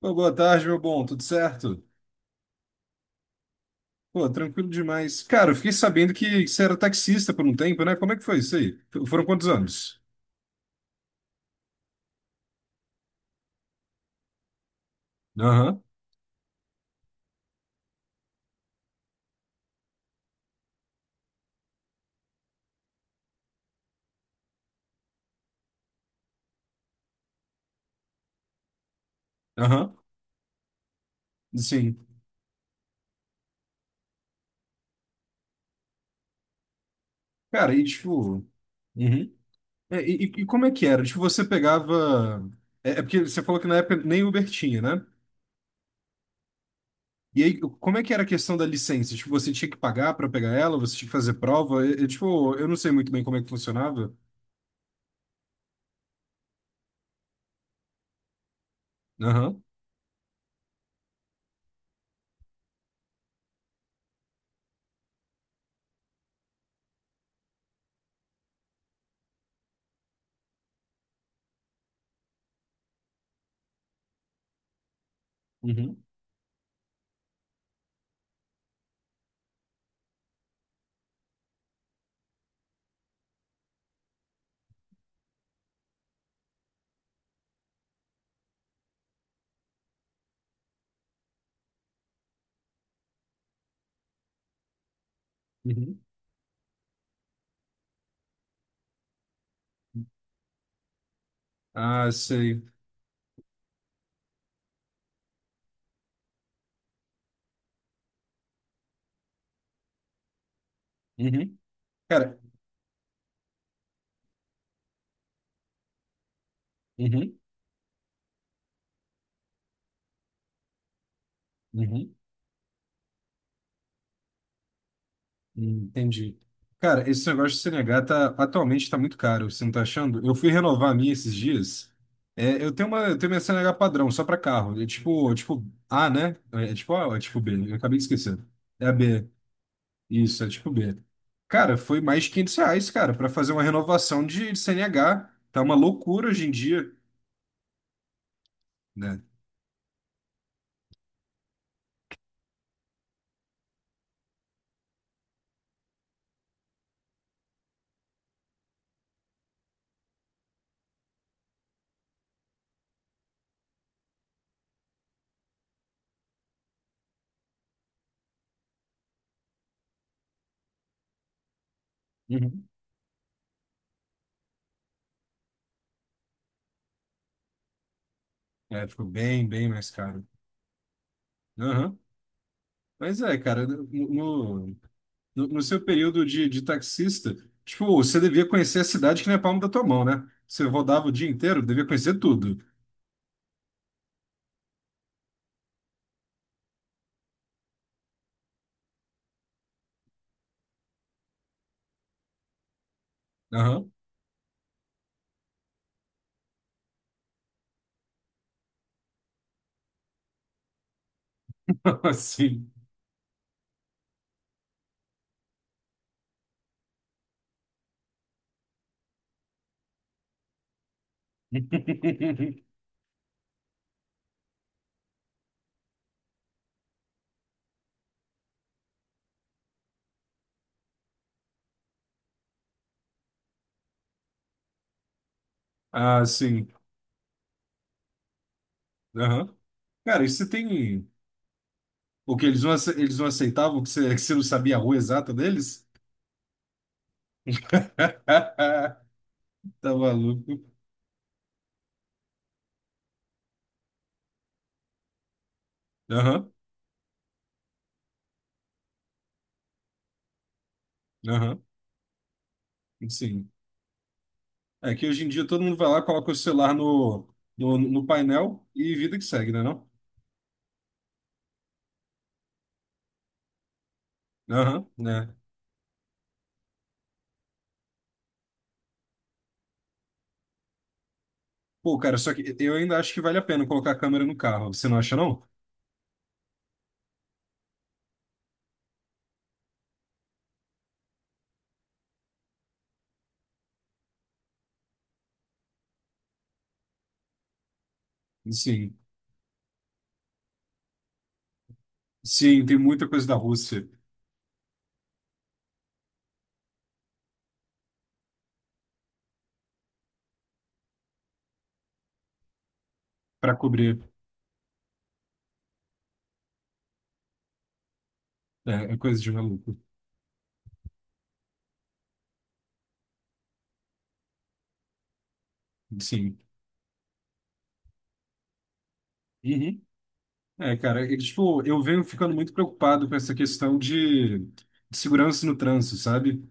Pô, boa tarde, meu bom. Tudo certo? Pô, tranquilo demais. Cara, eu fiquei sabendo que você era taxista por um tempo, né? Como é que foi isso aí? Foram quantos anos? Aham, aham. Sim. Cara, e tipo. Uhum. E como é que era? Tipo, você pegava. É porque você falou que na época nem Uber tinha, né? E aí, como é que era a questão da licença? Tipo, você tinha que pagar pra pegar ela? Você tinha que fazer prova? Tipo, eu não sei muito bem como é que funcionava. Aham. Uhum. Uhum. Ah, sei. Uhum. Cara. Uhum. Uhum. Entendi. Cara, esse negócio de CNH tá, atualmente está muito caro, você não tá achando? Eu fui renovar a minha esses dias. Eu tenho minha CNH padrão, só para carro. É tipo A, né? É é tipo A ou é tipo B? Eu acabei de esquecer. É a B. Isso, é tipo B. Cara, foi mais de R$ 500, cara, para fazer uma renovação de CNH. Tá uma loucura hoje em dia, né? Uhum. É, ficou bem, bem mais caro. Aham. Mas é, cara, no- no, no seu período de taxista, tipo, você devia conhecer a cidade que não é palma da tua mão, né? Você rodava o dia inteiro, devia conhecer tudo. Aham. Sim. Ah, sim. Aham. Cara, e você tem. O que eles não, ace- eles não aceitavam que você, que você não sabia a rua exata deles? Tá maluco. Aham, aham, sim. É que hoje em dia todo mundo vai lá, coloca o celular no painel e vida que segue, né não? Aham, né? Pô, cara, só que eu ainda acho que vale a pena colocar a câmera no carro. Você não acha, não? Sim. Sim, tem muita coisa da Rússia para cobrir. É, é coisa de maluco. Sim. Uhum. É, cara, é que, tipo, eu venho ficando muito preocupado com essa questão de segurança no trânsito, sabe?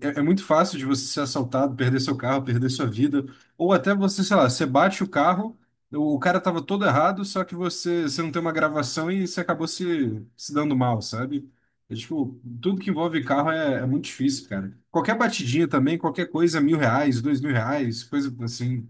É muito fácil de você ser assaltado, perder seu carro, perder sua vida. Ou até você, sei lá, você bate o carro, o cara tava todo errado, só que você não tem uma gravação e você acabou se dando mal, sabe? É, tipo, tudo que envolve carro é muito difícil, cara. Qualquer batidinha também, qualquer coisa, mil reais, dois mil reais, coisa assim.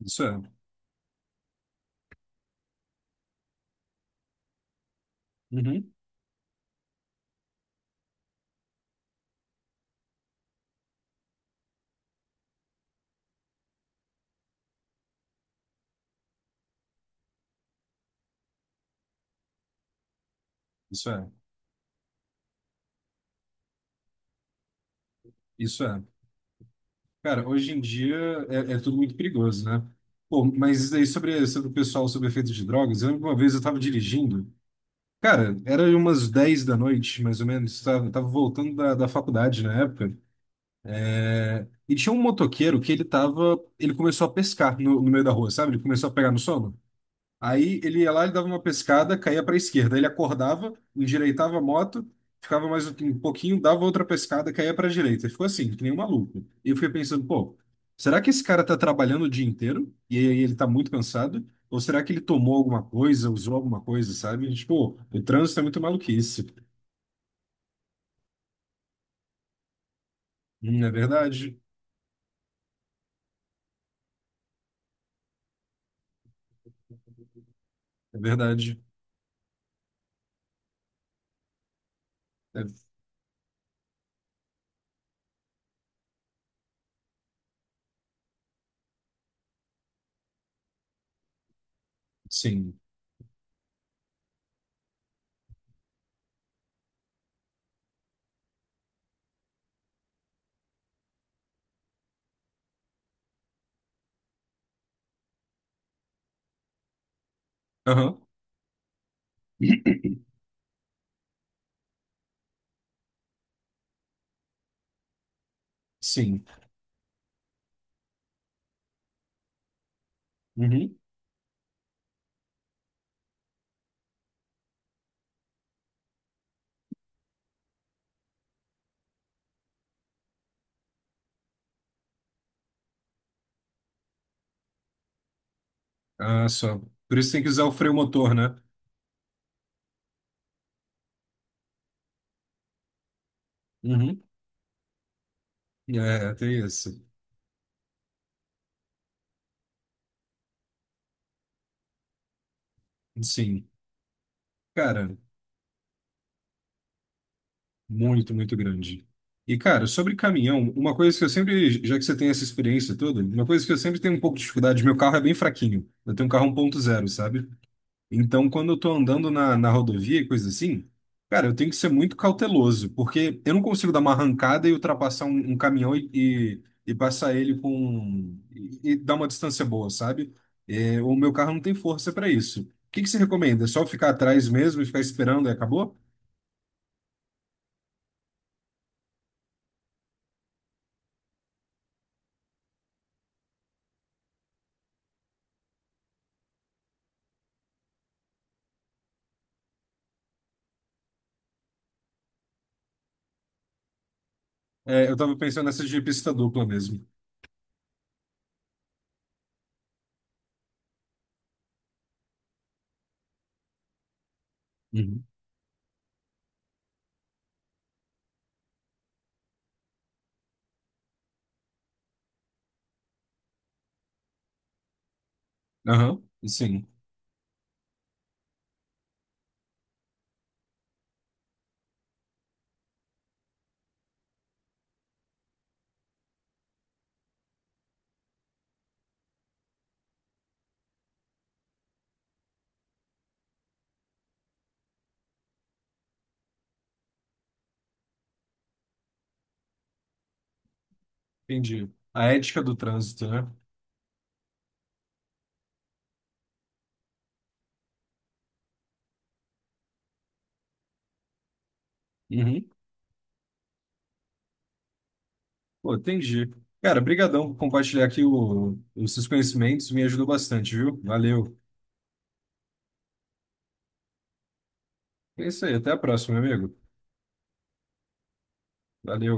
Isso é. Uhum. Isso é. Isso é. Cara, hoje em dia é tudo muito perigoso, né? Pô, mas isso aí sobre o pessoal sobre efeito de drogas, eu lembro que uma vez eu tava dirigindo. Cara, era umas 10 da noite, mais ou menos. Tava voltando da, da faculdade na época. E tinha um motoqueiro que ele tava. Ele começou a pescar no meio da rua, sabe? Ele começou a pegar no sono. Aí ele ia lá, ele dava uma pescada, caía para a esquerda. Ele acordava, endireitava a moto, ficava mais um um pouquinho, dava outra pescada, caía para a direita. Ele ficou assim, que nem um maluco. E eu fiquei pensando, pô, será que esse cara tá trabalhando o dia inteiro? E aí ele tá muito cansado? Ou será que ele tomou alguma coisa, usou alguma coisa, sabe? Tipo, o trânsito é muito maluquice. É verdade, é verdade. É, sim. Aham, sim. Uhum. Ah, só. Por isso tem que usar o freio motor, né? Uhum. É, tem isso. Sim. Cara, muito, muito grande. E, cara, sobre caminhão, uma coisa que eu sempre, já que você tem essa experiência toda, uma coisa que eu sempre tenho um pouco de dificuldade, meu carro é bem fraquinho. Eu tenho um carro 1.0, sabe? Então, quando eu tô andando na rodovia e coisa assim, cara, eu tenho que ser muito cauteloso, porque eu não consigo dar uma arrancada e ultrapassar um caminhão e passar ele com. E dar uma distância boa, sabe? É, o meu carro não tem força para isso. O que que você recomenda? É só ficar atrás mesmo e ficar esperando e acabou? É, eu tava pensando nessa de pista dupla mesmo. Uhum. Aham, sim, entendi. A ética do trânsito, né? Uhum. Pô, entendi. Cara, brigadão por compartilhar aqui os seus conhecimentos, me ajudou bastante, viu? Valeu. É isso aí, até a próxima, meu amigo. Valeu.